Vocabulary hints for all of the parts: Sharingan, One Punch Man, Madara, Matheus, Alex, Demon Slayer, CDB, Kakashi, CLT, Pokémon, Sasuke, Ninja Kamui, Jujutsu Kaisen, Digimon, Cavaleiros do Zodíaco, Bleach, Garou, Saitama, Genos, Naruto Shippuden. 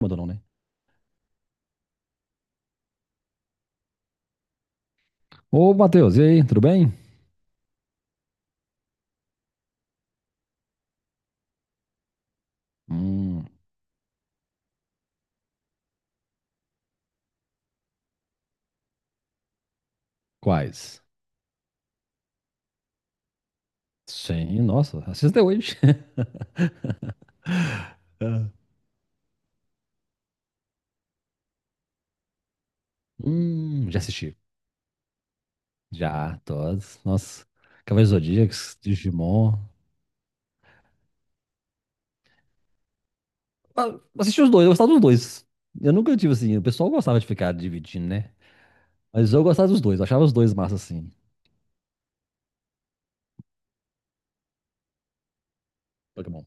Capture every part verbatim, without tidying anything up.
Mandou não, né? Ô, Matheus, e aí, tudo bem? Hum, quais? Sim, nossa, assisti até hoje. Ah. Hum, já assisti. Já, todos. Nossa, Cavaleiros do Zodíaco, Digimon. Ah, Assisti os dois, eu gostava dos dois. Eu nunca tive assim, o pessoal gostava de ficar dividindo, né? Mas eu gostava dos dois, eu achava os dois massa assim. Pokémon.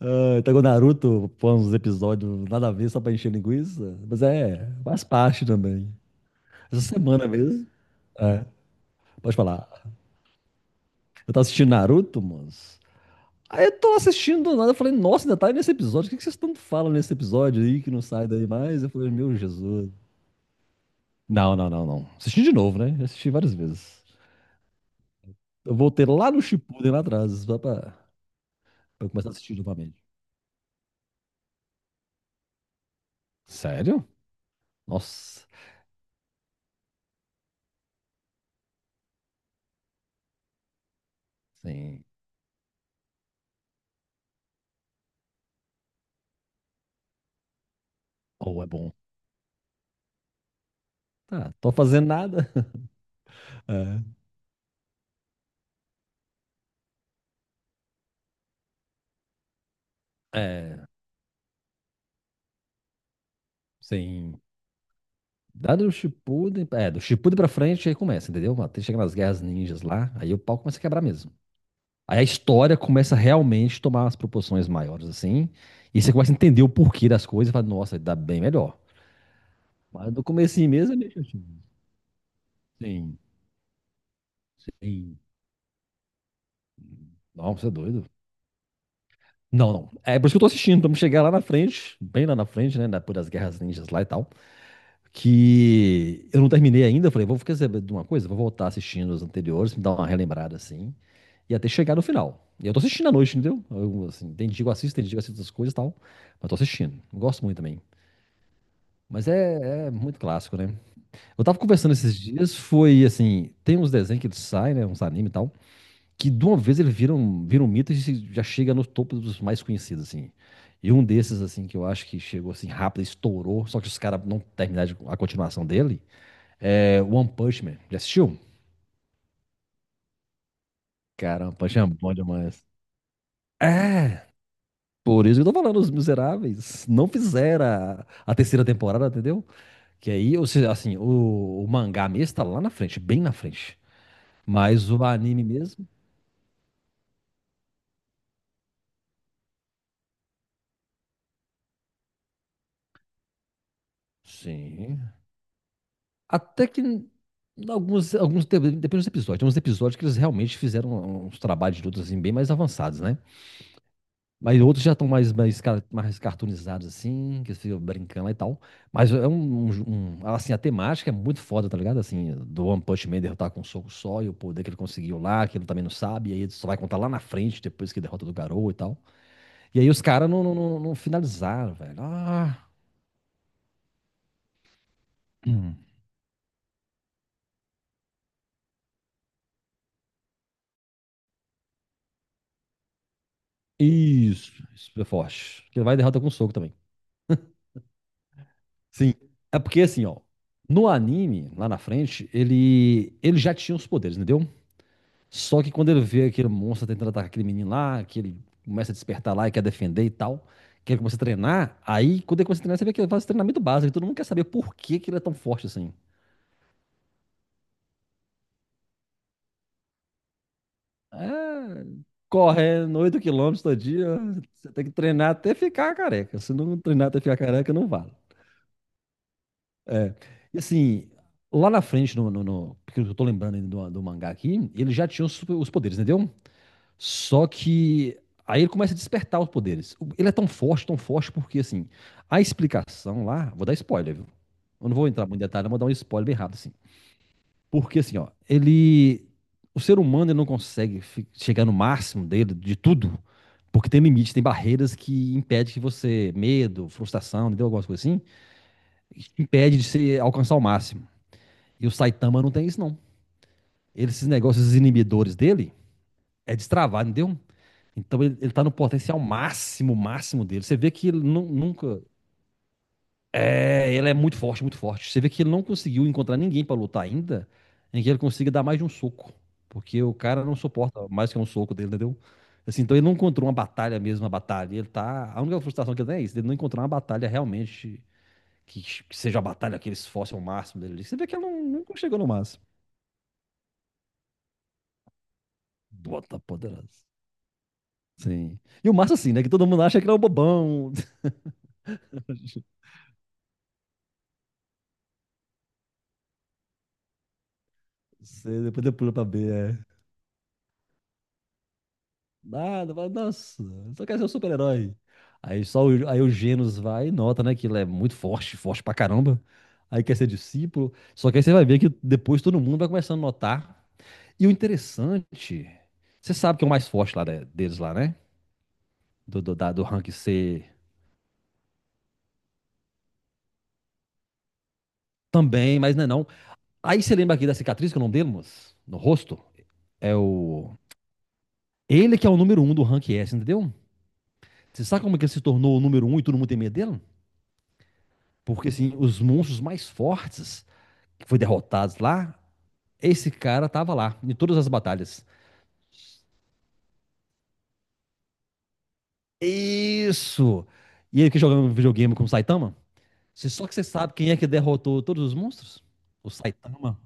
Ah, então o Naruto põe uns episódios nada a ver só pra encher linguiça. Mas é, faz parte também. Essa semana mesmo. É, pode falar. Eu tava assistindo Naruto, moço. Aí eu tô assistindo do nada, eu falei, nossa, ainda tá aí nesse episódio. O que que vocês tanto falam nesse episódio aí que não sai daí mais? Eu falei, meu Jesus. Não, não, não, não. Assisti de novo, né? Eu Assisti várias vezes. Eu voltei lá no Shippuden, lá atrás, só pra, pra eu começar a assistir novamente. Sério? Nossa. Sim. Oh, é bom. Tá, tô fazendo nada. É. É, sim. Dá do Shippuden, é, do Shippuden pra frente, aí começa, entendeu? Até chega nas guerras ninjas lá, aí o pau começa a quebrar mesmo. Aí a história começa realmente a tomar umas proporções maiores, assim. E você começa a entender o porquê das coisas e fala, nossa, dá bem melhor. Mas no comecinho mesmo é meio chatinho. Sim, sim. Não, você é doido. Não, não. É por isso que eu tô assistindo, pra me chegar lá na frente, bem lá na frente, né? Depois das guerras ninjas lá e tal. Que eu não terminei ainda. Eu falei, vou ficar sabendo de uma coisa, vou voltar assistindo os anteriores, me dar uma relembrada assim. E até chegar no final. E eu tô assistindo à noite, entendeu? Eu, assim, tem dia que eu assisto, tem dia que eu assisto as coisas e tal. Mas tô assistindo. Gosto muito também. Mas é, é muito clássico, né? Eu tava conversando esses dias, foi assim, tem uns desenhos que eles saem, né? Uns anime e tal, que de uma vez eles viram, viram um mito e se- já chega no topo dos mais conhecidos, assim. E um desses, assim, que eu acho que chegou assim rápido, estourou, só que os caras não terminaram de- a continuação dele, é One Punch Man. Já assistiu? Cara, One Punch Man é bom demais. É! Por isso que eu tô falando, os miseráveis não fizeram a, a terceira temporada, entendeu? Que aí, ou seja, assim, o, o mangá mesmo tá lá na frente, bem na frente. Mas o anime mesmo, Sim. até que n- alguns, alguns de- depende dos episódios. Tem uns episódios que eles realmente fizeram um, uns trabalhos de luta assim, bem mais avançados, né? Mas outros já estão mais, mais, ca- mais cartoonizados, assim, que eles ficam brincando lá e tal. Mas é um, um um- assim, a temática é muito foda, tá ligado? Assim, do One Punch Man derrotar com um soco só e o poder que ele conseguiu lá, que ele também não sabe, e aí ele só vai contar lá na frente, depois que derrota do Garou e tal. E aí os caras não, não, não- não finalizaram, velho. Ah. Hum. Isso, super forte. Que vai e derrota com soco também. Sim. É porque assim, ó, no anime, lá na frente, ele ele já tinha os poderes, entendeu? Só que quando ele vê aquele monstro tentando atacar aquele menino lá, que ele começa a despertar lá e quer defender e tal, que ele começa a treinar, aí quando ele começa a treinar, você vê que ele faz treinamento básico, e todo mundo quer saber por que que ele é tão forte assim. É, correndo oito quilômetros todo dia, você tem que treinar até ficar careca. Se não treinar até ficar careca, não vale. É. E assim, lá na frente, no, no- no- porque eu tô lembrando ainda do, do mangá aqui, ele já tinha os, super- os poderes, entendeu? Só que aí ele começa a despertar os poderes. O- Ele é tão forte, tão forte, porque assim, a explicação lá, vou dar spoiler, viu? Eu não vou entrar muito em detalhe, mas vou dar um spoiler bem rápido, assim. Porque assim, ó, ele. O ser humano ele não consegue fi- chegar no máximo dele, de tudo, porque tem limites, tem barreiras que impedem que você, medo, frustração, entendeu? Algumas coisas assim, impede de você alcançar o máximo. E o Saitama não tem isso, não. Ele, esses negócios, esses inibidores dele, é destravado, entendeu? Então ele, ele tá no potencial máximo, máximo dele. Você vê que ele nu- nunca. É, ele é muito forte, muito forte. Você vê que ele não conseguiu encontrar ninguém pra lutar ainda em que ele consiga dar mais de um soco. Porque o cara não suporta mais que um soco dele, entendeu? Assim, então ele não encontrou uma batalha mesmo, uma batalha. Ele tá. A única frustração que ele tem é isso, ele não encontrou uma batalha realmente que, que seja a batalha que ele se esforce ao máximo dele. Você vê que ele não, nunca chegou no máximo. Bota poderosa. Sim. E o massa, assim, né? Que todo mundo acha que ele é um bobão. Você Depois ele pula pra B, é. Nada, fala, nossa, só quer ser um super-herói. Aí só o, aí o Genos vai e nota, né? Que ele é muito forte, forte pra caramba. Aí quer ser discípulo. Só que aí você vai ver que depois todo mundo vai começando a notar. E o interessante, você sabe que é o mais forte lá né, deles lá, né? Do, do, da- do rank C também, mas não é não. Aí você lembra aqui da cicatriz, que é o nome dele, moço? No rosto? É o. Ele que é o número um do rank S, entendeu? Você sabe como é que ele se tornou o número um e todo mundo tem medo dele? Porque, assim, os monstros mais fortes que foi derrotados lá, esse cara tava lá, em todas as batalhas. Isso! E ele que jogava um videogame com o Saitama? Você- Só que você sabe quem é que derrotou todos os monstros? O Saitama.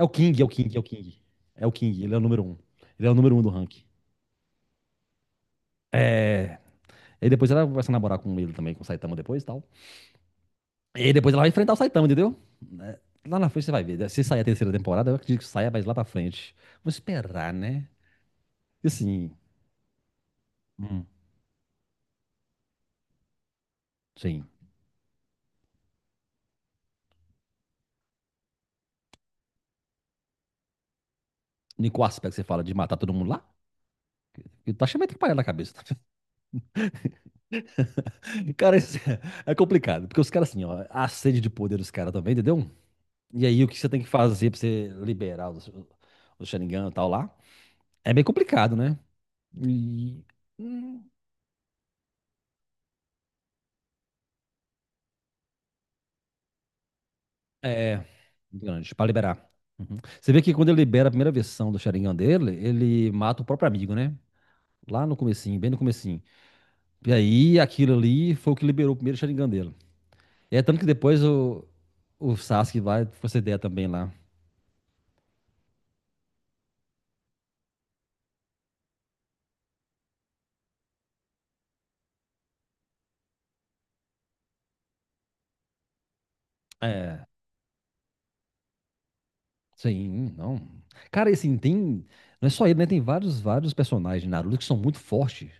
É o King, é o King, é o King. É o King, ele é o número um. Ele é o número um do ranking. É. E depois ela vai se namorar com ele também, com o Saitama depois e tal. E aí depois ela vai enfrentar o Saitama, entendeu? Né? Lá na frente você vai ver, né? Se sair a terceira temporada, eu acredito que saia mais lá pra frente. Vamos esperar, né? E assim, hum, sim. Em qual aspecto você fala de matar todo mundo lá? Eu tô achando meio atrapalhado na cabeça. Cara, isso é, é complicado. Porque os caras, assim, ó, a sede de poder dos caras também, entendeu? E aí o que você tem que fazer pra você liberar os, os Sharingan e tal lá? É bem complicado, né? E. hum, É, grande, pra liberar. Uhum. Você vê que quando ele libera a primeira versão do Sharingan dele, ele mata o próprio amigo, né? Lá no comecinho, bem no comecinho. E aí, aquilo ali foi o que liberou o primeiro Sharingan dele. E é tanto que depois o, o Sasuke vai proceder também lá. Sim, não. Cara, e assim, tem. Não é só ele, né? Tem vários, vários personagens de Naruto que são muito fortes.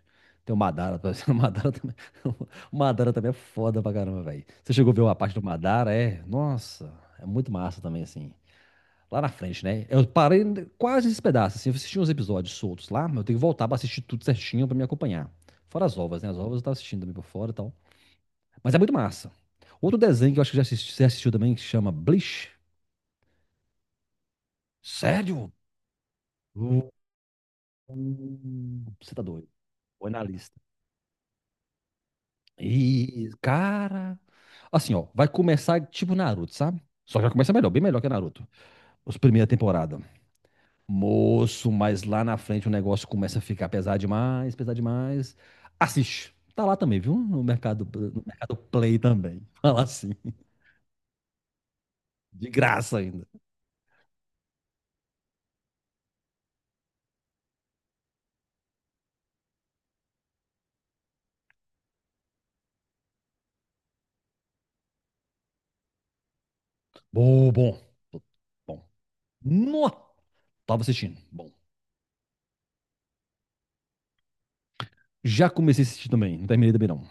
Tem o Madara, por exemplo, o Madara também. O Madara também é foda pra caramba, velho. Você chegou a ver uma parte do Madara? É. Nossa, é muito massa também, assim. Lá na frente, né? Eu parei quase esse pedaço, assim. Eu assisti uns episódios soltos lá, mas eu tenho que voltar pra assistir tudo certinho pra me acompanhar. Fora as ovas, né? As ovas eu tava assistindo também por fora e tal. Mas é muito massa. Outro desenho que eu acho que já assisti- você assistiu também, que chama Bleach. Sério? Hum, Você tá doido. Põe na E, cara. Assim, ó, vai começar tipo Naruto, sabe? Só que já começa melhor, bem melhor que Naruto. Os primeira temporada. Moço, mas lá na frente o negócio começa a ficar pesado demais, pesado demais. Assiste. Tá lá também, viu? No mercado, no mercado Play também. Fala assim. De graça ainda. Bom, bom. Bom. No, tava assistindo. Bom. Já comecei a assistir também. Não terminei também, não.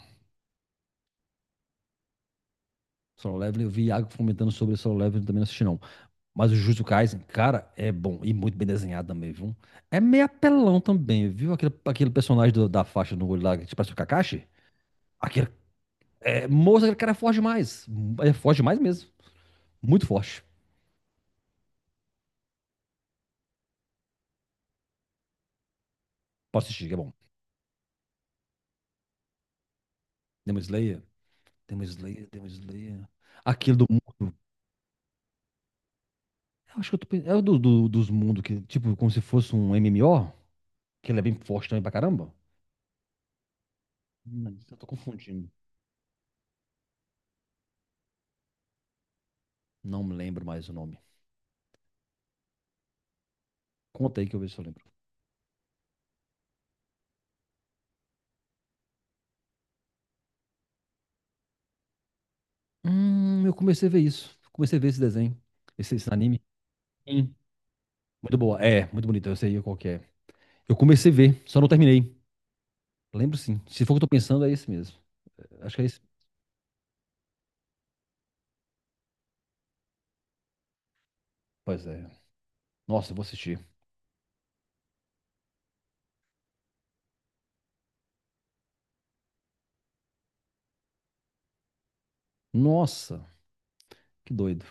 Solo Leveling, eu vi Iago comentando sobre Solo Leveling, também não assisti, não. Mas o Jujutsu Kaisen, cara, é bom e muito bem desenhado também, viu? É meio apelão também, viu? Aquele, aquele personagem do- da faixa no olho lá, que parece o Kakashi. Aquele, é, moço, aquele cara é forte demais. É forte demais mesmo. Muito forte. Posso assistir, que é bom. Demon Slayer, Demon Slayer, Demon Slayer. Aquele do mundo. Eu acho que eu tô pensando. É o do, do- dos mundos, que, tipo, como se fosse um M M O, que ele é bem forte também pra caramba. Não, eu tô confundindo. Não me lembro mais o nome. Conta aí que eu vejo se eu lembro. Hum, eu comecei a ver isso. Comecei a ver esse desenho, esse, esse anime. Sim. Muito boa. É, muito bonito. Eu sei qual que é. Eu comecei a ver, só não terminei. Lembro sim. Se for o que eu tô pensando, é esse mesmo. É, Acho que é esse. Pois é. Nossa, eu vou assistir. Nossa, que doido.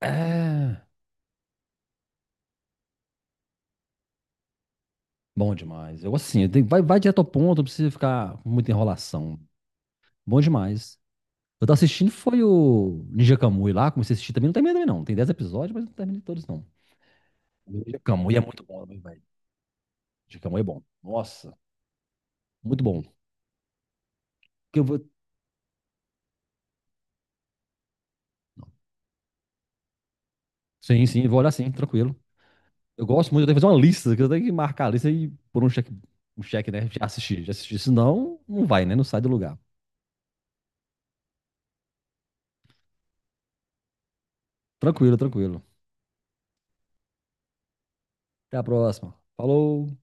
É. Bom demais. Eu gosto assim. eu tenho- Vai, vai direto ao ponto, não precisa ficar com muita enrolação. Bom demais. Eu tava assistindo foi o Ninja Kamui lá. Comecei a assistir também. Não terminei também, não. Tem dez episódios, mas não terminei todos, não. O Ninja Kamui é muito bom, né, velho. Ninja Kamui é bom. Nossa, muito bom. que eu vou. Sim, sim, vou olhar sim, tranquilo. Eu gosto muito, eu tenho que fazer uma lista, que eu tenho que marcar a lista e pôr um cheque, um cheque, né? Já assisti, já assisti. Senão, não vai, né? Não sai do lugar. Tranquilo, tranquilo. Até a próxima. Falou!